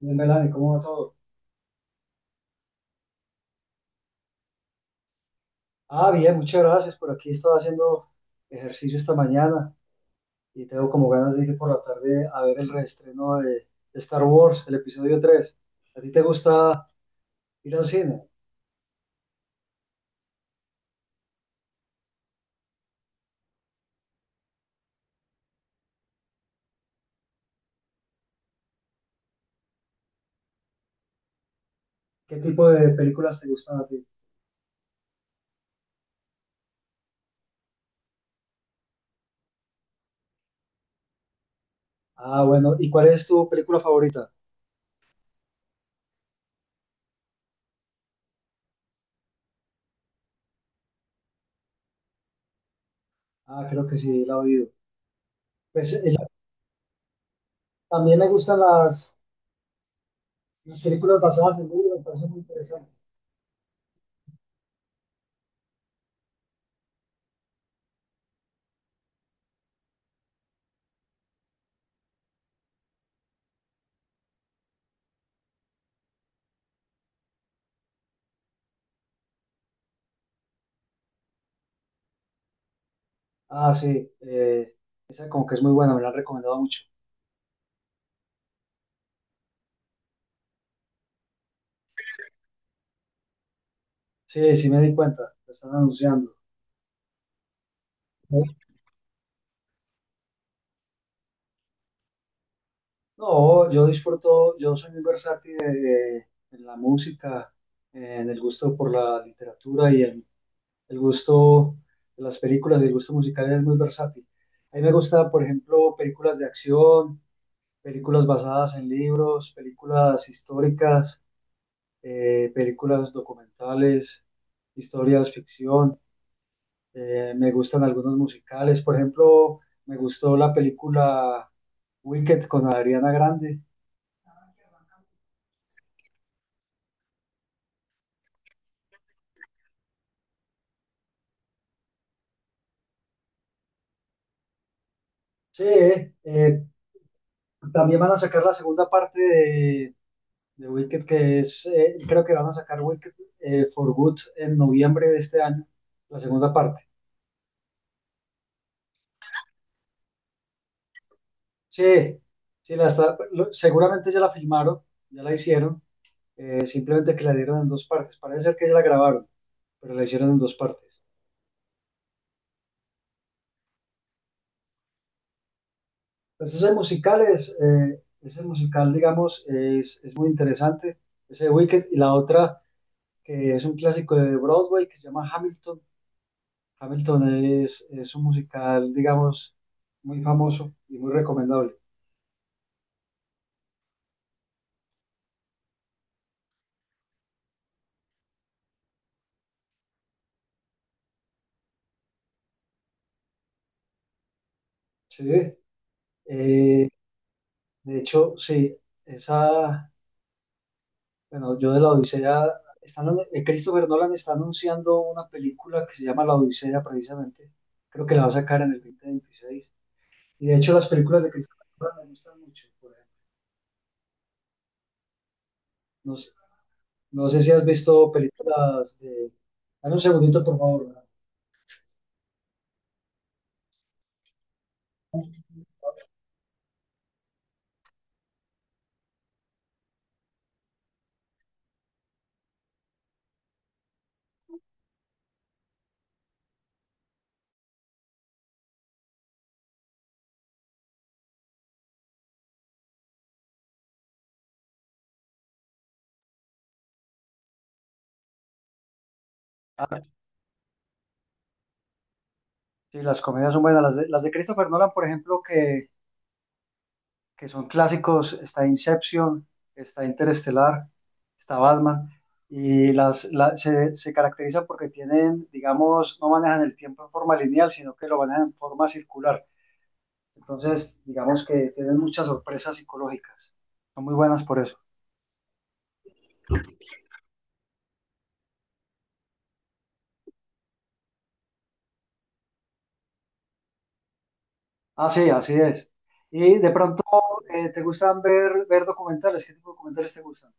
Bien, Melanie, ¿cómo va todo? Bien, muchas gracias. Por aquí estaba haciendo ejercicio esta mañana y tengo como ganas de ir por la tarde a ver el reestreno de Star Wars, el episodio 3. ¿A ti te gusta ir al cine? ¿Qué tipo de películas te gustan a ti? Bueno, ¿y cuál es tu película favorita? Creo que sí, la he oído. Pues también me gustan las películas basadas en libros, me parecen muy interesantes. Ah, sí, eh, Esa como que es muy buena, me la han recomendado mucho. Sí, sí me di cuenta, la están anunciando. No, yo disfruto, yo soy muy versátil en la música, en el gusto por la literatura y el gusto de las películas, el gusto musical es muy versátil. A mí me gusta, por ejemplo, películas de acción, películas basadas en libros, películas históricas, películas documentales, historias ficción. Me gustan algunos musicales, por ejemplo, me gustó la película Wicked con Adriana Grande. Sí, eh, También van a sacar la segunda parte de Wicked, que es, creo que van a sacar Wicked for Good en noviembre de este año, la segunda parte. Sí, seguramente ya la filmaron, ya la hicieron, simplemente que la dieron en dos partes. Parece ser que ya la grabaron, pero la hicieron en dos partes. Entonces el musical es, ese musical, digamos, es muy interesante, ese de Wicked, y la otra que es un clásico de Broadway que se llama Hamilton. Hamilton es un musical, digamos, muy famoso y muy recomendable. Sí, eh, de hecho, sí, esa, bueno, yo de la Odisea, Christopher Nolan está anunciando una película que se llama La Odisea precisamente. Creo que la va a sacar en el 2026. Y de hecho las películas de Christopher Nolan me gustan mucho, por ejemplo. No sé, no sé si has visto películas de... Dame un segundito, por favor. Ah, sí, las comedias son buenas. Las de Christopher Nolan, por ejemplo, que son clásicos, está Inception, está Interestelar, está Batman, se caracteriza porque tienen, digamos, no manejan el tiempo en forma lineal, sino que lo manejan en forma circular. Entonces, digamos que tienen muchas sorpresas psicológicas. Son muy buenas por eso. Sí, así es. Y de pronto, ¿te gustan ver documentales? ¿Qué tipo de documentales te gustan?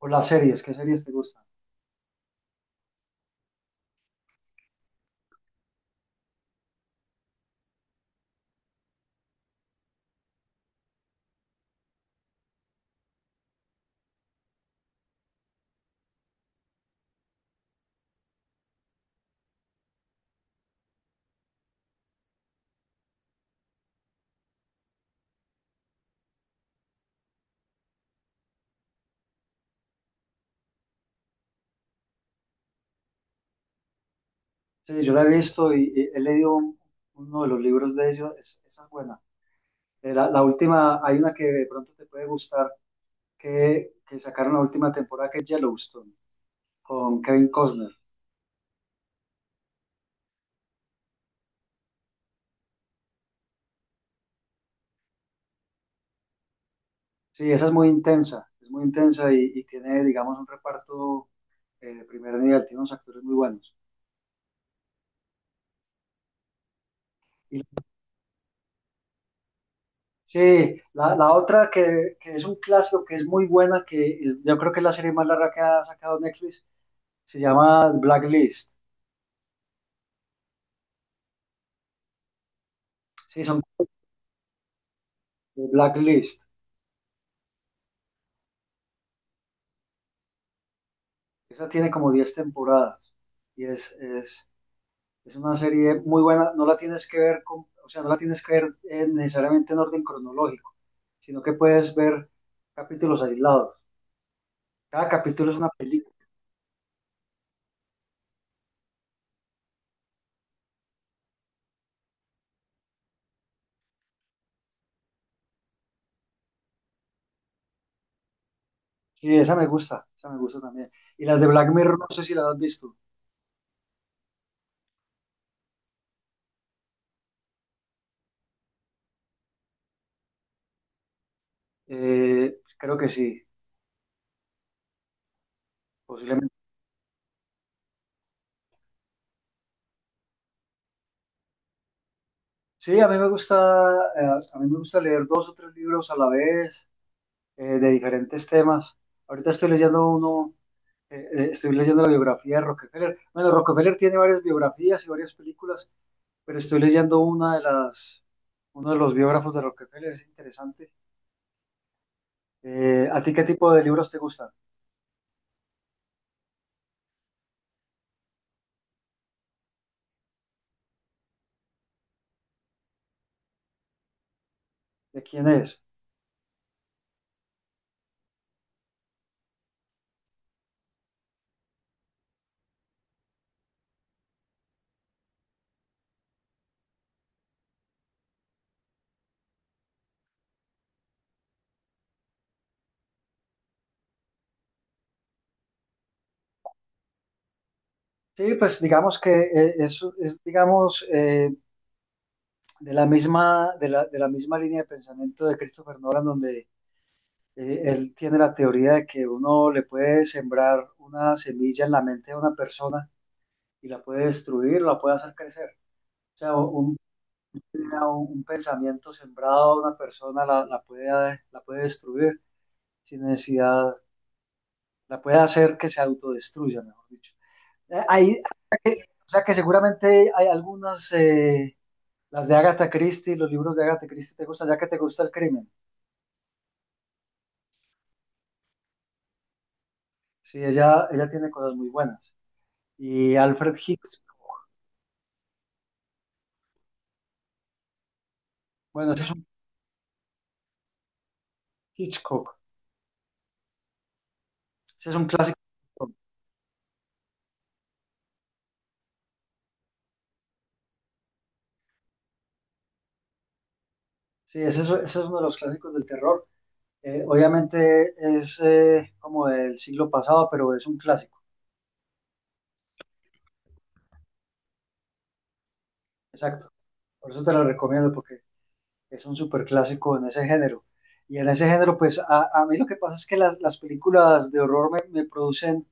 O las series, ¿qué series te gustan? Sí, yo la he visto y he leído uno de los libros de ellos, esa es buena. La última, hay una que de pronto te puede gustar, que sacaron la última temporada, que es Yellowstone, con Kevin Costner. Sí, esa es muy intensa y tiene, digamos, un reparto de primer nivel, tiene unos actores muy buenos. Y sí, la otra que es un clásico, que es muy buena, yo creo que es la serie más larga que ha sacado Netflix, se llama Blacklist. Sí, son Blacklist. Esa tiene como 10 temporadas y es una serie muy buena, no la tienes que ver con, o sea, no la tienes que ver necesariamente en orden cronológico, sino que puedes ver capítulos aislados. Cada capítulo es una película. Sí, esa me gusta también. Y las de Black Mirror, no sé si las has visto. Pues creo que sí, posiblemente. Sí, a mí me gusta, eh, a mí me gusta leer dos o tres libros a la vez de diferentes temas. Ahorita estoy leyendo uno, estoy leyendo la biografía de Rockefeller. Bueno, Rockefeller tiene varias biografías y varias películas. Pero estoy leyendo una de uno de los biógrafos de Rockefeller, es interesante. ¿A ti qué tipo de libros te gustan? ¿De quién es? Sí, pues digamos que digamos, de la misma, de la misma línea de pensamiento de Christopher Nolan, donde él tiene la teoría de que uno le puede sembrar una semilla en la mente de una persona y la puede destruir, la puede hacer crecer. O sea, un pensamiento sembrado a una persona la puede destruir. Sin necesidad, la puede hacer que se autodestruya, mejor dicho. Eh, ahí, o sea que seguramente hay algunas, las de Agatha Christie, los libros de Agatha Christie te gustan, ya que te gusta el crimen. Sí, ella tiene cosas muy buenas. Y Alfred Hitchcock, bueno, ese es un Hitchcock, ese es un clásico. Sí, ese es uno de los clásicos del terror. Obviamente es como del siglo pasado, pero es un clásico. Exacto. Por eso te lo recomiendo, porque es un superclásico en ese género. Y en ese género, pues a mí lo que pasa es que las películas de horror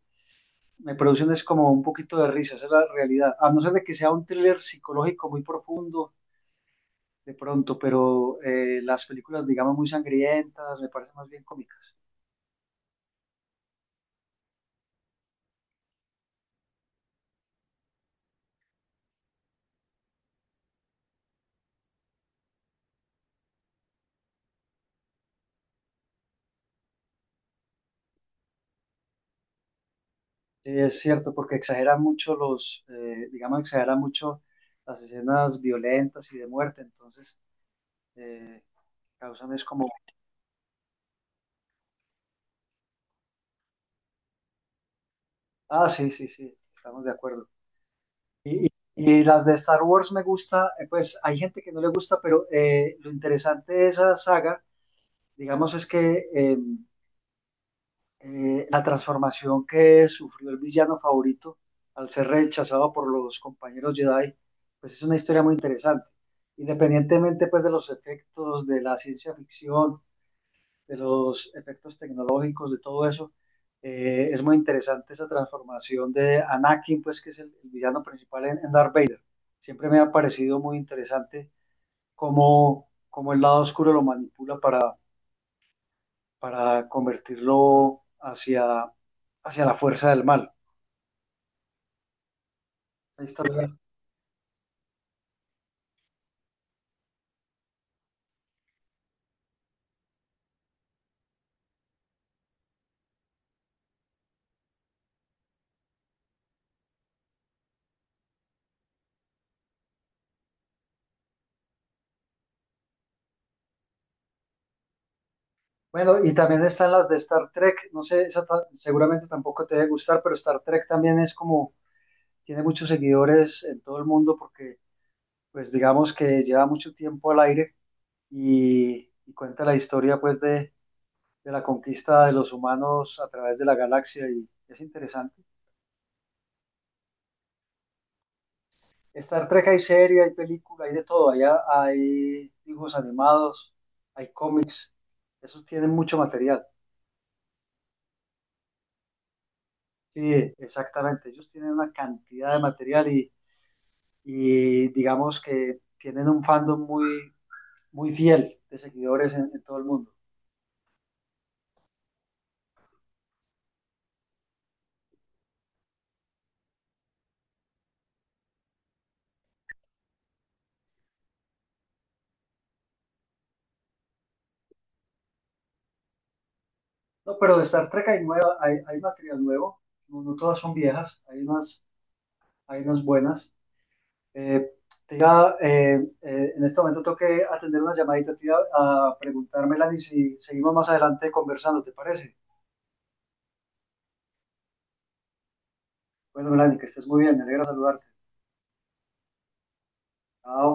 me producen es como un poquito de risa, esa es la realidad. A no ser de que sea un thriller psicológico muy profundo de pronto, pero las películas, digamos, muy sangrientas, me parecen más bien cómicas. Sí, es cierto, porque exageran mucho digamos, exageran mucho las escenas violentas y de muerte, entonces eh, causan es como, ah, sí, sí, sí, estamos de acuerdo. Y y las de Star Wars me gusta, pues hay gente que no le gusta, pero lo interesante de esa saga, digamos, es que la transformación que sufrió el villano favorito al ser rechazado por los compañeros Jedi, pues es una historia muy interesante. Independientemente pues de los efectos de la ciencia ficción, de los efectos tecnológicos, de todo eso. Es muy interesante esa transformación de Anakin, pues que es el villano principal en Darth Vader. Siempre me ha parecido muy interesante cómo, cómo el lado oscuro lo manipula para convertirlo hacia, hacia la fuerza del mal. Ahí está bien. Bueno, y también están las de Star Trek. No sé, seguramente tampoco te debe gustar, pero Star Trek también es como, tiene muchos seguidores en todo el mundo porque pues digamos que lleva mucho tiempo al aire y cuenta la historia pues de la conquista de los humanos a través de la galaxia y es interesante. Star Trek hay serie, hay película, hay de todo, allá hay dibujos animados, hay cómics, esos tienen mucho material. Sí, exactamente, ellos tienen una cantidad de material y digamos que tienen un fandom muy, muy fiel de seguidores en todo el mundo. No, pero de Star Trek hay nueva, hay material nuevo, no, no todas son viejas, hay unas buenas. Eh, te iba, eh, en este momento tengo que atender una llamadita, te iba a preguntar, Melanie, si seguimos más adelante conversando, ¿te parece? Bueno, Melanie, que estés muy bien, me alegra saludarte. Chao.